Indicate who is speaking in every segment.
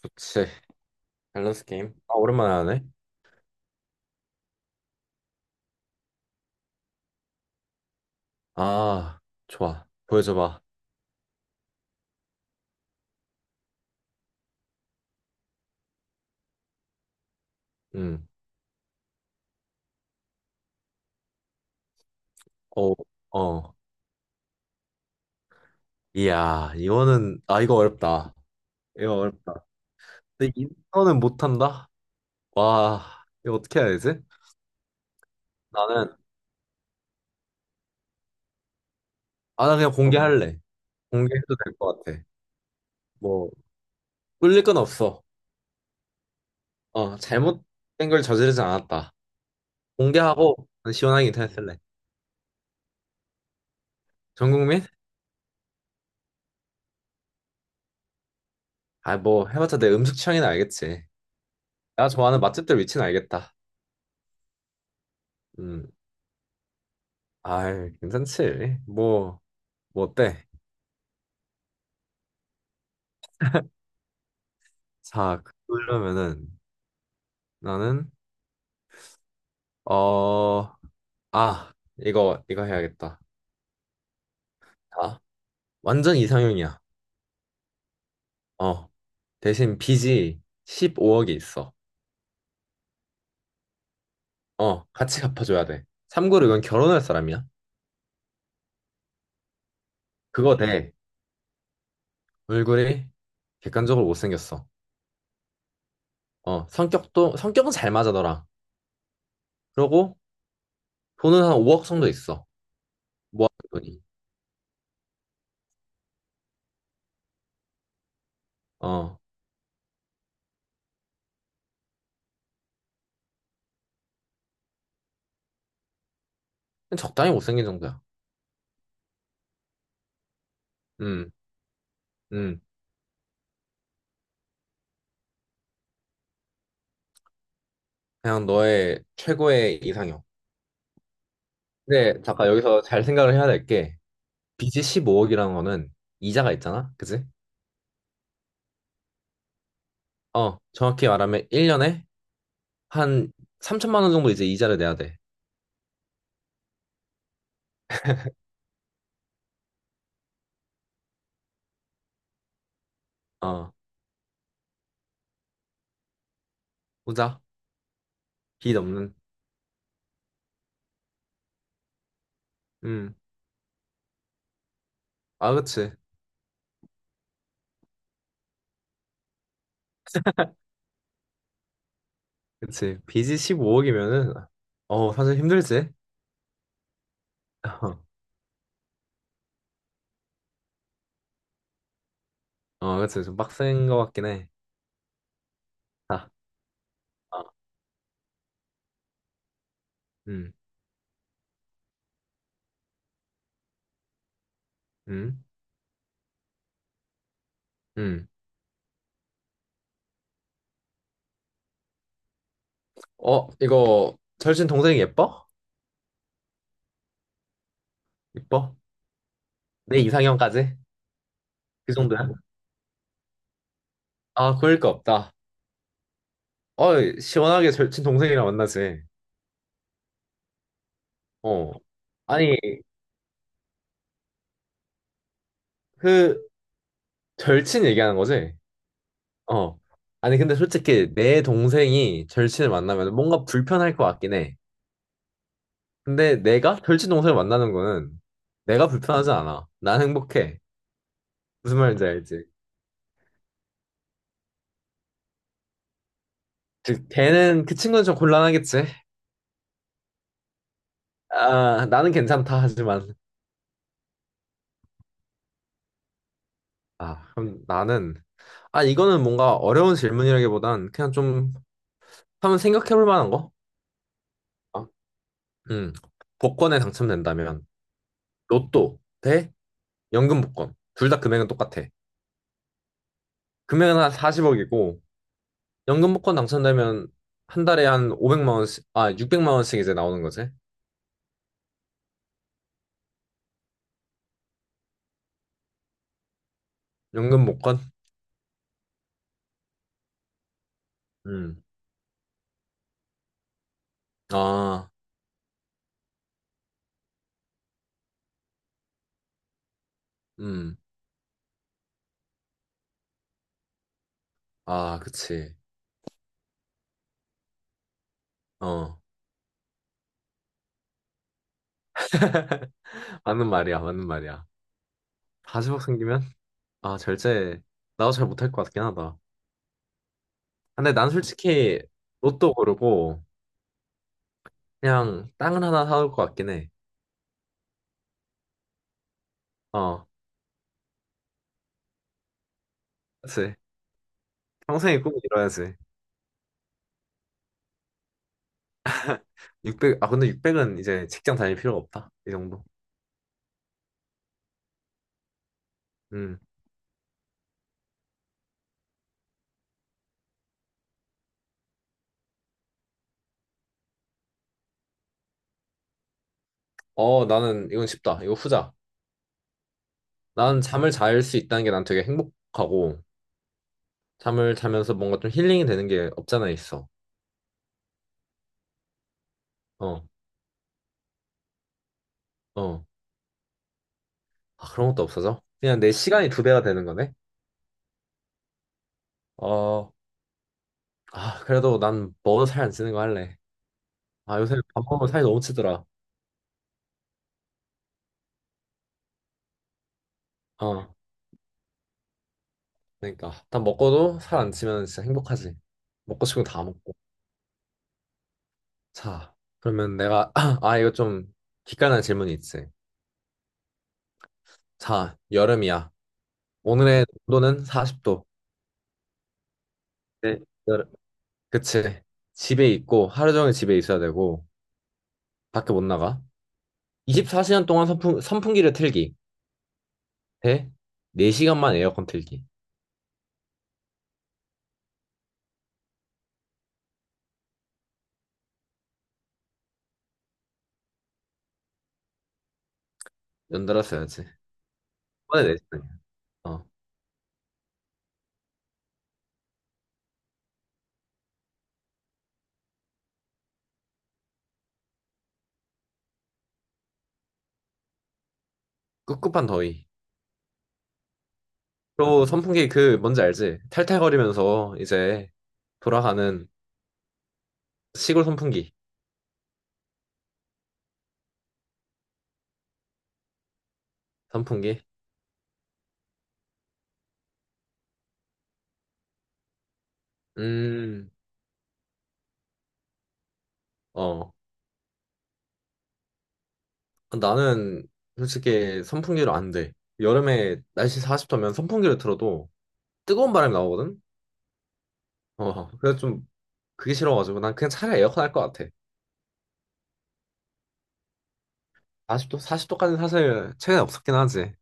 Speaker 1: 그치. 밸런스 게임. 아, 오랜만에 하네. 아, 좋아. 보여줘봐. 응. 어, 어. 이야, 이거는, 아, 이거 어렵다. 이거 어렵다. 근데 이거는 못한다? 와, 이거 어떻게 해야 되지? 나는, 아, 나 그냥 공개할래. 공개해도 될 것 같아. 뭐, 뿔릴 건 없어. 어, 잘못된 걸 저지르지 않았다. 공개하고, 난 시원하게 인터넷 쓸래. 전 국민? 아, 뭐, 해봤자 내 음식 취향이나 알겠지. 내가 좋아하는 맛집들 위치는 알겠다. 음. 아이, 괜찮지. 뭐 어때? 자, 그러면은 나는 어, 아, 이거 해야겠다. 자, 완전 이상형이야. 어, 대신 빚이 15억이 있어. 어, 같이 갚아줘야 돼. 참고로 이건 결혼할 사람이야. 그거 돼. 얼굴이 객관적으로 못생겼어. 어, 성격도 성격은 잘 맞아 너랑. 그러고 돈은 한 5억 정도 있어. 모아둔 돈이. 어, 그냥 적당히 못생긴 정도야. 음, 음. 그냥 너의 최고의 이상형. 근데 잠깐 여기서 잘 생각을 해야 될게, 빚이 15억이라는 거는 이자가 있잖아. 그지? 어, 정확히 말하면 1년에 한 3천만 원 정도 이제 이자를 내야 돼. 어, 후자. 빚 없는. 음. 아, 그치. 그치. 빚이 15억이면은 어, 사실 힘들지. 어, 그치. 좀 빡센 거 같긴 해. 아, 아, 음, 음, 음. 어, 이거 절친 동생이 예뻐? 예뻐? 내 이상형까지? 그 정도야? 아, 그럴 거 없다. 어, 시원하게 절친 동생이랑 만나지. 어. 아니, 그, 절친 얘기하는 거지? 어. 아니, 근데 솔직히 내 동생이 절친을 만나면 뭔가 불편할 것 같긴 해. 근데 내가 절친 동생을 만나는 거는 내가 불편하지 않아. 난 행복해. 무슨 말인지 알지? 즉, 걔는, 그 친구는 좀 곤란하겠지? 아, 나는 괜찮다, 하지만. 아, 그럼 나는. 아, 이거는 뭔가 어려운 질문이라기보단 그냥 좀 한번 생각해 볼 만한 거? 어. 음, 복권에 당첨된다면 로또 대 연금 복권. 둘 다 금액은 똑같아. 금액은 한 40억이고 연금 복권 당첨되면 한 달에 한 500만 원씩, 아 600만 원씩 이제 나오는 거지. 연금 복권? 음. 아, 음. 아, 그치. 어. 맞는 말이야. 맞는 말이야. 40억 생기면, 아, 절제 나도 잘 못할 것 같긴 하다. 근데 난 솔직히 로또 고르고 그냥 땅을 하나 사올 것 같긴 해. 어. 그치. 평생의 꿈을 이뤄야지. 근데 600은 이제 직장 다닐 필요가 없다. 이 정도. 음. 어, 나는 이건 쉽다. 이거 후자. 나는 잠을 잘 수 있다는 게 난 되게 행복하고, 잠을 자면서 뭔가 좀 힐링이 되는 게 없잖아, 있어. 어, 어. 아, 그런 것도 없어져? 그냥 내 시간이 두 배가 되는 거네? 어, 아, 그래도 난 먹어도 살 안 찌는 거 할래. 아, 요새 밥 먹으면 살이 너무 찌더라. 어, 그러니까. 난 먹고도 살 안 찌면 진짜 행복하지. 먹고 싶은 거 다 먹고. 자, 그러면 내가, 아, 이거 좀 기깔난 질문이 있지. 자, 여름이야. 오늘의 온도는 40도. 네. 여름. 그치. 집에 있고, 하루 종일 집에 있어야 되고, 밖에 못 나가. 24시간 동안 선풍기를 틀기. 대 4시간만 에어컨 틀기. 연달아 써야지. 이번에 4시간이야. 어. 꿉꿉한 더위. 또 선풍기 그, 뭔지 알지? 탈탈거리면서 이제 돌아가는 시골 선풍기. 선풍기. 음, 어. 나는 솔직히 선풍기로 안 돼. 여름에 날씨 40도면 선풍기를 틀어도 뜨거운 바람이 나오거든? 어, 그래서 좀 그게 싫어가지고 난 그냥 차라리 에어컨 할 것 같아. 40도, 40도까지는 사실 최근에 없었긴 하지.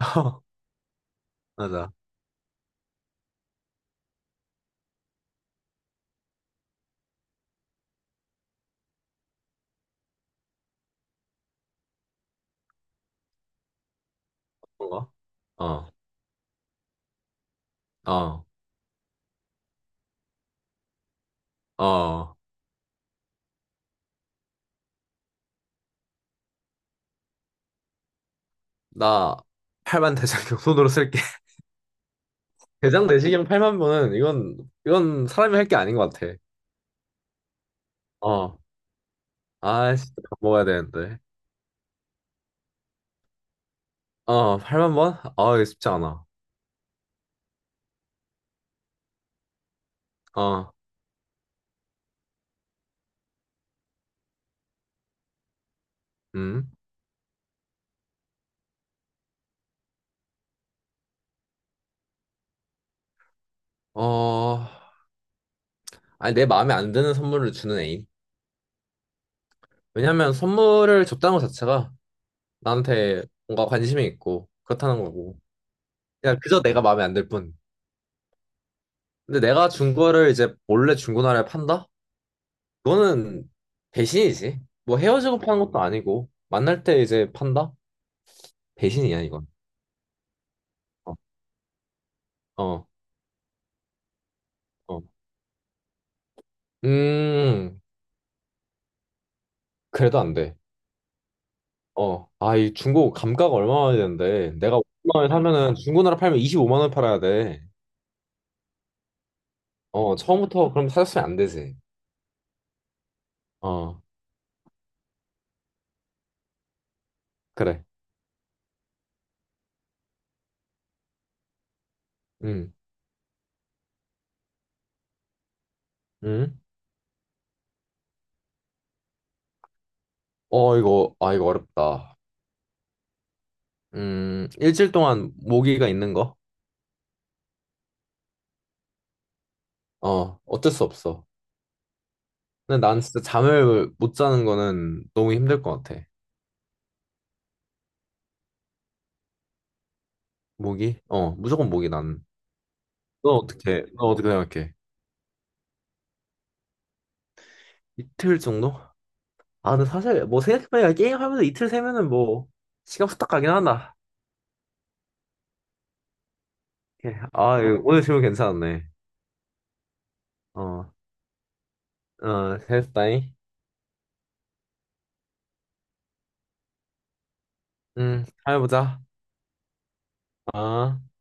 Speaker 1: 맞아. 뭔가? 어, 어, 어. 나 8만 대장경 손으로 쓸게. 대장 내시경 8만 번은 이건, 사람이 할 게 아닌 것 같아. 어. 아, 진짜 밥 먹어야 되는데. 어, 8만 번? 아, 이거 쉽지 않아. 어, 음. 어, 아니, 내 마음에 안 드는 선물을 주는 애인. 왜냐면 선물을 줬다는 것 자체가 나한테 뭔가 관심이 있고 그렇다는 거고. 그냥 그저 내가 마음에 안 들 뿐. 근데 내가 준 거를 이제 몰래 중고나라에 판다? 그거는 배신이지. 뭐 헤어지고 파는 것도 아니고 만날 때 이제 판다? 배신이야, 이건. 어, 어. 어. 음, 그래도 안 돼. 어, 아, 이 중고 감가가 얼마나 되는데 내가 5만 원에 사면은 중고나라 팔면 25만 원 팔아야 돼. 어, 처음부터 그럼 사줬으면 안 되지. 어, 그래. 음, 음. 어, 이거 어렵다. 일주일 동안 모기가 있는 거? 어, 어쩔 수 없어. 근데 난 진짜 잠을 못 자는 거는 너무 힘들 것 같아. 모기? 어, 무조건 모기 나는. 너 어떻게 생각해? 이틀 정도? 아, 근데 사실 뭐 생각해보니까 게임하면서 이틀 세면은 뭐 시간 후딱 가긴 한다. 오케이. 아, 이거 오늘 질문 괜찮았네. 어, 어, 됐다잉. 잘해보자. 아.